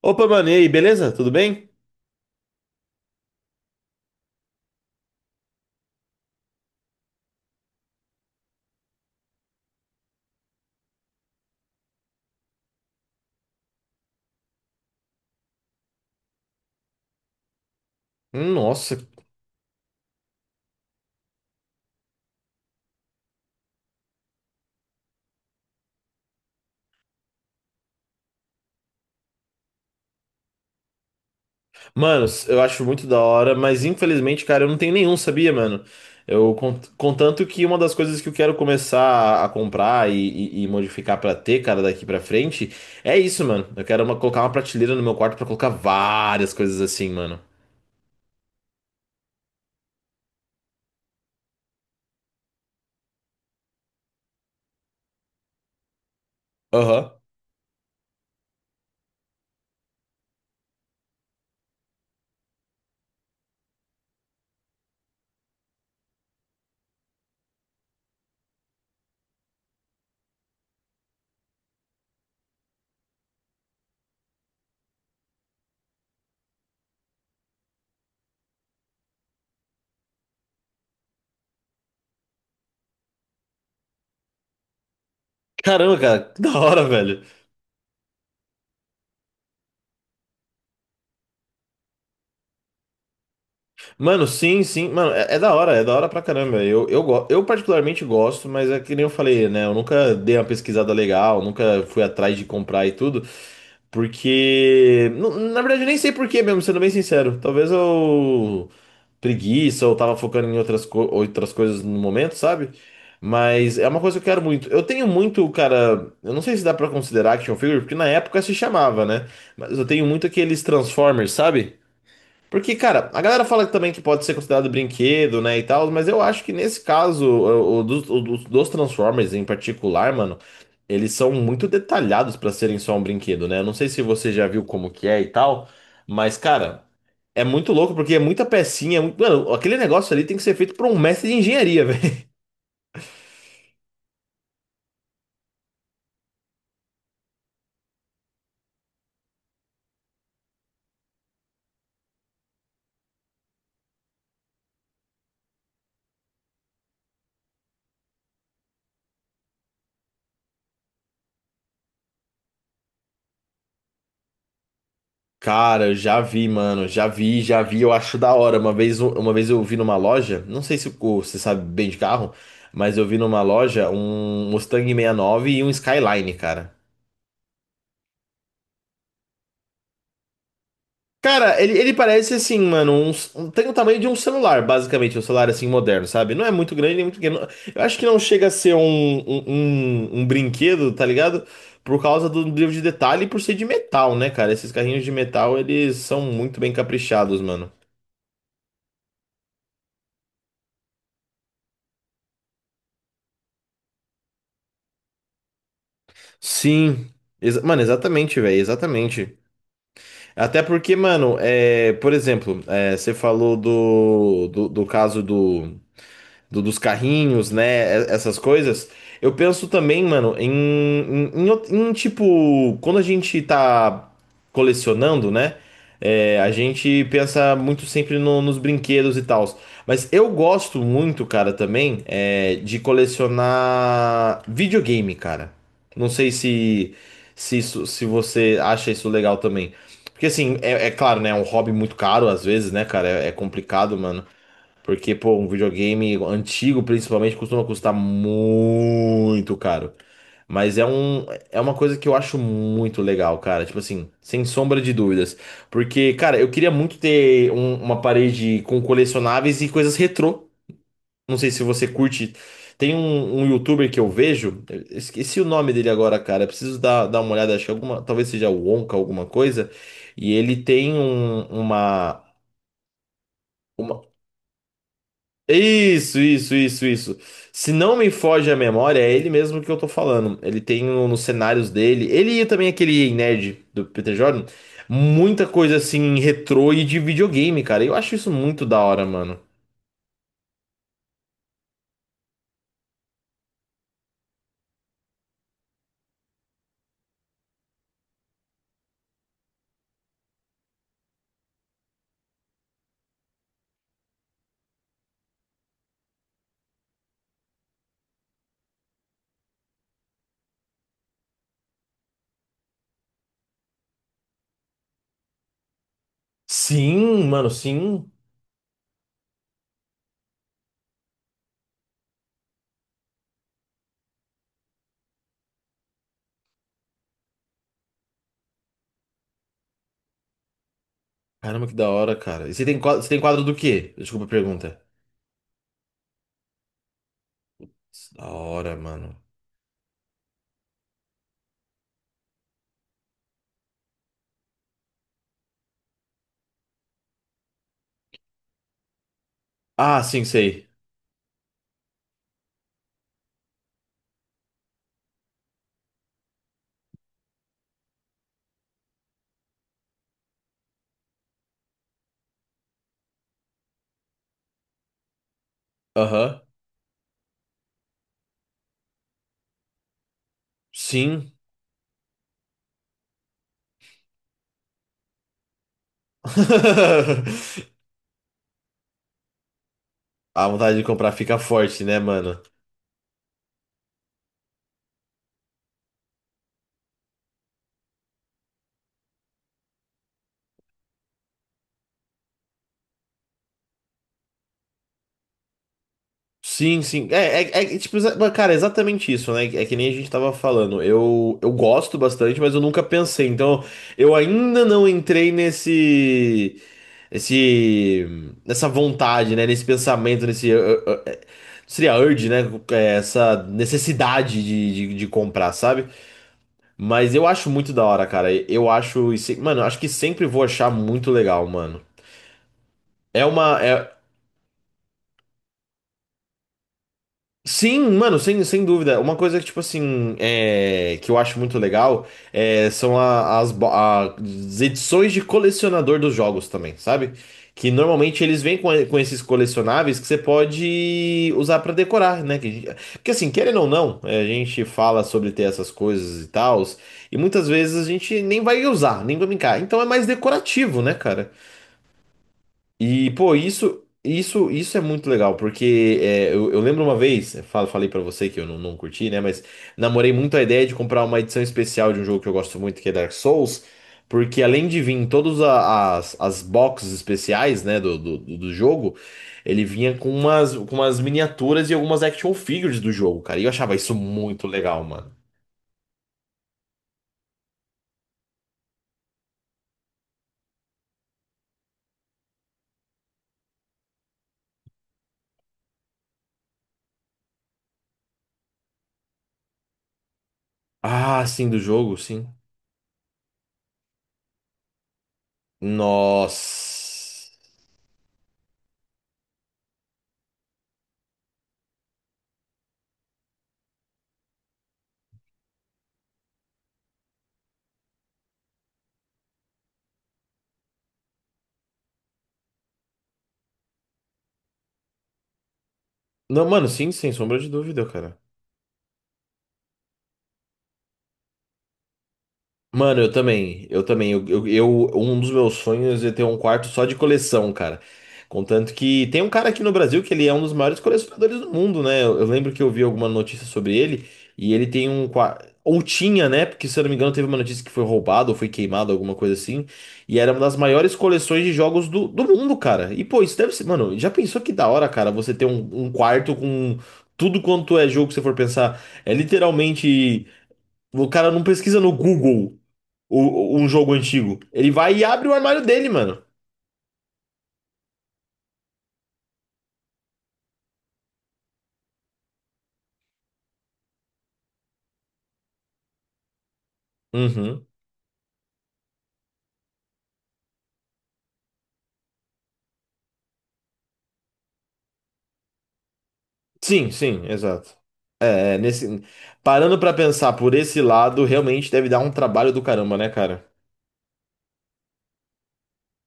Opa, mano, e aí, beleza? Tudo bem? Nossa, mano, eu acho muito da hora, mas infelizmente, cara, eu não tenho nenhum, sabia, mano? Eu, contanto que uma das coisas que eu quero começar a comprar e modificar pra ter, cara, daqui pra frente, é isso, mano. Colocar uma prateleira no meu quarto pra colocar várias coisas assim, mano. Aham. Caramba, cara, que da hora, velho. Mano, sim, sim. Mano, é, é da hora pra caramba. Eu particularmente gosto, mas é que nem eu falei, né? Eu nunca dei uma pesquisada legal, nunca fui atrás de comprar e tudo. Na verdade, eu nem sei por quê mesmo, sendo bem sincero. Talvez eu. Preguiça, ou tava focando em outras coisas no momento, sabe? Mas é uma coisa que eu quero muito. Eu tenho muito, cara. Eu não sei se dá pra considerar action figure, porque na época se chamava, né? Mas eu tenho muito aqueles Transformers, sabe? Porque, cara, a galera fala também que pode ser considerado brinquedo, né, e tal, mas eu acho que nesse caso, dos Transformers em particular, mano, eles são muito detalhados pra serem só um brinquedo, né? Eu não sei se você já viu como que é e tal, mas, cara, é muito louco porque é muita pecinha, mano, aquele negócio ali tem que ser feito por um mestre de engenharia. Cara, eu já vi, mano, já vi, eu acho da hora. Uma vez eu vi numa loja, não sei se você sabe bem de carro, mas eu vi numa loja um Mustang 69 e nove e um Skyline, cara. Cara, ele parece assim, mano, tem o tamanho de um celular, basicamente, um celular assim moderno, sabe? Não é muito grande, nem muito pequeno. Eu acho que não chega a ser um brinquedo, tá ligado? Por causa do nível de detalhe e por ser de metal, né, cara? Esses carrinhos de metal, eles são muito bem caprichados, mano. Sim, mano, exatamente, velho, exatamente. Até porque, mano, é, por exemplo, é, você falou do caso dos carrinhos, né? Essas coisas. Eu penso também, mano, em tipo, quando a gente tá colecionando, né? É, a gente pensa muito sempre nos brinquedos e tal. Mas eu gosto muito, cara, também, é, de colecionar videogame, cara. Não sei se se você acha isso legal também. Porque assim, é, é claro, né? É um hobby muito caro às vezes, né, cara? É, é complicado, mano. Porque, pô, um videogame antigo, principalmente, costuma custar muito caro. Mas é um, é uma coisa que eu acho muito legal, cara. Tipo assim, sem sombra de dúvidas. Porque, cara, eu queria muito ter uma parede com colecionáveis e coisas retrô. Não sei se você curte. Tem um youtuber que eu vejo, eu esqueci o nome dele agora, cara. Eu preciso dar uma olhada, acho que alguma, talvez seja o Wonka, alguma coisa. E ele tem uma. Uma. Isso, isso, isso, isso. Se não me foge a memória, é ele mesmo que eu tô falando. Ele tem nos cenários dele, ele e também aquele nerd do Peter Jordan, muita coisa assim retrô e de videogame, cara. Eu acho isso muito da hora, mano. Sim, mano, sim. Caramba, que da hora, cara. E você tem quadro do quê? Desculpa a pergunta. Da hora, mano. Ah, sim, sei. Aham. Sim. A vontade de comprar fica forte, né, mano? Sim, sim. Cara, é exatamente isso, né? É que nem a gente tava falando. Eu gosto bastante, mas eu nunca pensei. Então, eu ainda não entrei nesse, esse, nessa vontade, né? Nesse pensamento, nesse, seria urge, né? É, essa necessidade de comprar, sabe? Mas eu acho muito da hora, cara. Mano, eu acho que sempre vou achar muito legal, mano. É uma, é, sim, mano, sem, sem dúvida. Uma coisa que, tipo assim, é, que eu acho muito legal é, são as edições de colecionador dos jogos também, sabe? Que normalmente eles vêm com esses colecionáveis que você pode usar pra decorar, né? Que, porque assim, querendo ou não, é, a gente fala sobre ter essas coisas e tal, e muitas vezes a gente nem vai usar, nem vai brincar. Então é mais decorativo, né, cara? E, pô, isso é muito legal, porque é, eu lembro uma vez, eu falei pra você que eu não, não curti, né? Mas namorei muito a ideia de comprar uma edição especial de um jogo que eu gosto muito, que é Dark Souls, porque além de vir em todas as boxes especiais, né, do do jogo, ele vinha com umas miniaturas e algumas action figures do jogo, cara. E eu achava isso muito legal, mano. Ah, sim, do jogo, sim. Nossa. Não, mano, sim, sem sombra de dúvida, cara. Mano, eu também, um dos meus sonhos é ter um quarto só de coleção, cara. Contanto que tem um cara aqui no Brasil que ele é um dos maiores colecionadores do mundo, né? Eu lembro que eu vi alguma notícia sobre ele e ele tem um quarto, ou tinha, né? Porque se eu não me engano teve uma notícia que foi roubado ou foi queimado, alguma coisa assim. E era uma das maiores coleções de jogos do mundo, cara. E pô, isso deve ser, mano, já pensou que da hora, cara, você ter um quarto com tudo quanto é jogo que você for pensar? É literalmente, o cara não pesquisa no Google um jogo antigo. Ele vai e abre o armário dele, mano. Uhum. Sim, sim, exato. É, é, nesse... Parando pra pensar por esse lado, realmente deve dar um trabalho do caramba, né, cara?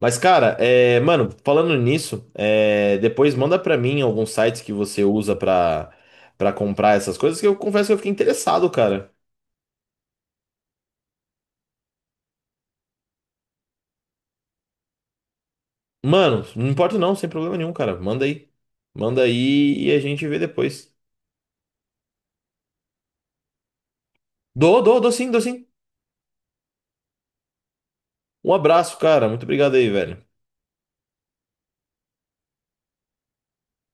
Mas, cara, é, mano, falando nisso, é, depois manda pra mim alguns sites que você usa pra comprar essas coisas, que eu confesso que eu fiquei interessado, cara. Mano, não importa não, sem problema nenhum, cara. Manda aí. Manda aí e a gente vê depois. Dou, dou, dou sim, dou sim. Um abraço, cara. Muito obrigado aí, velho.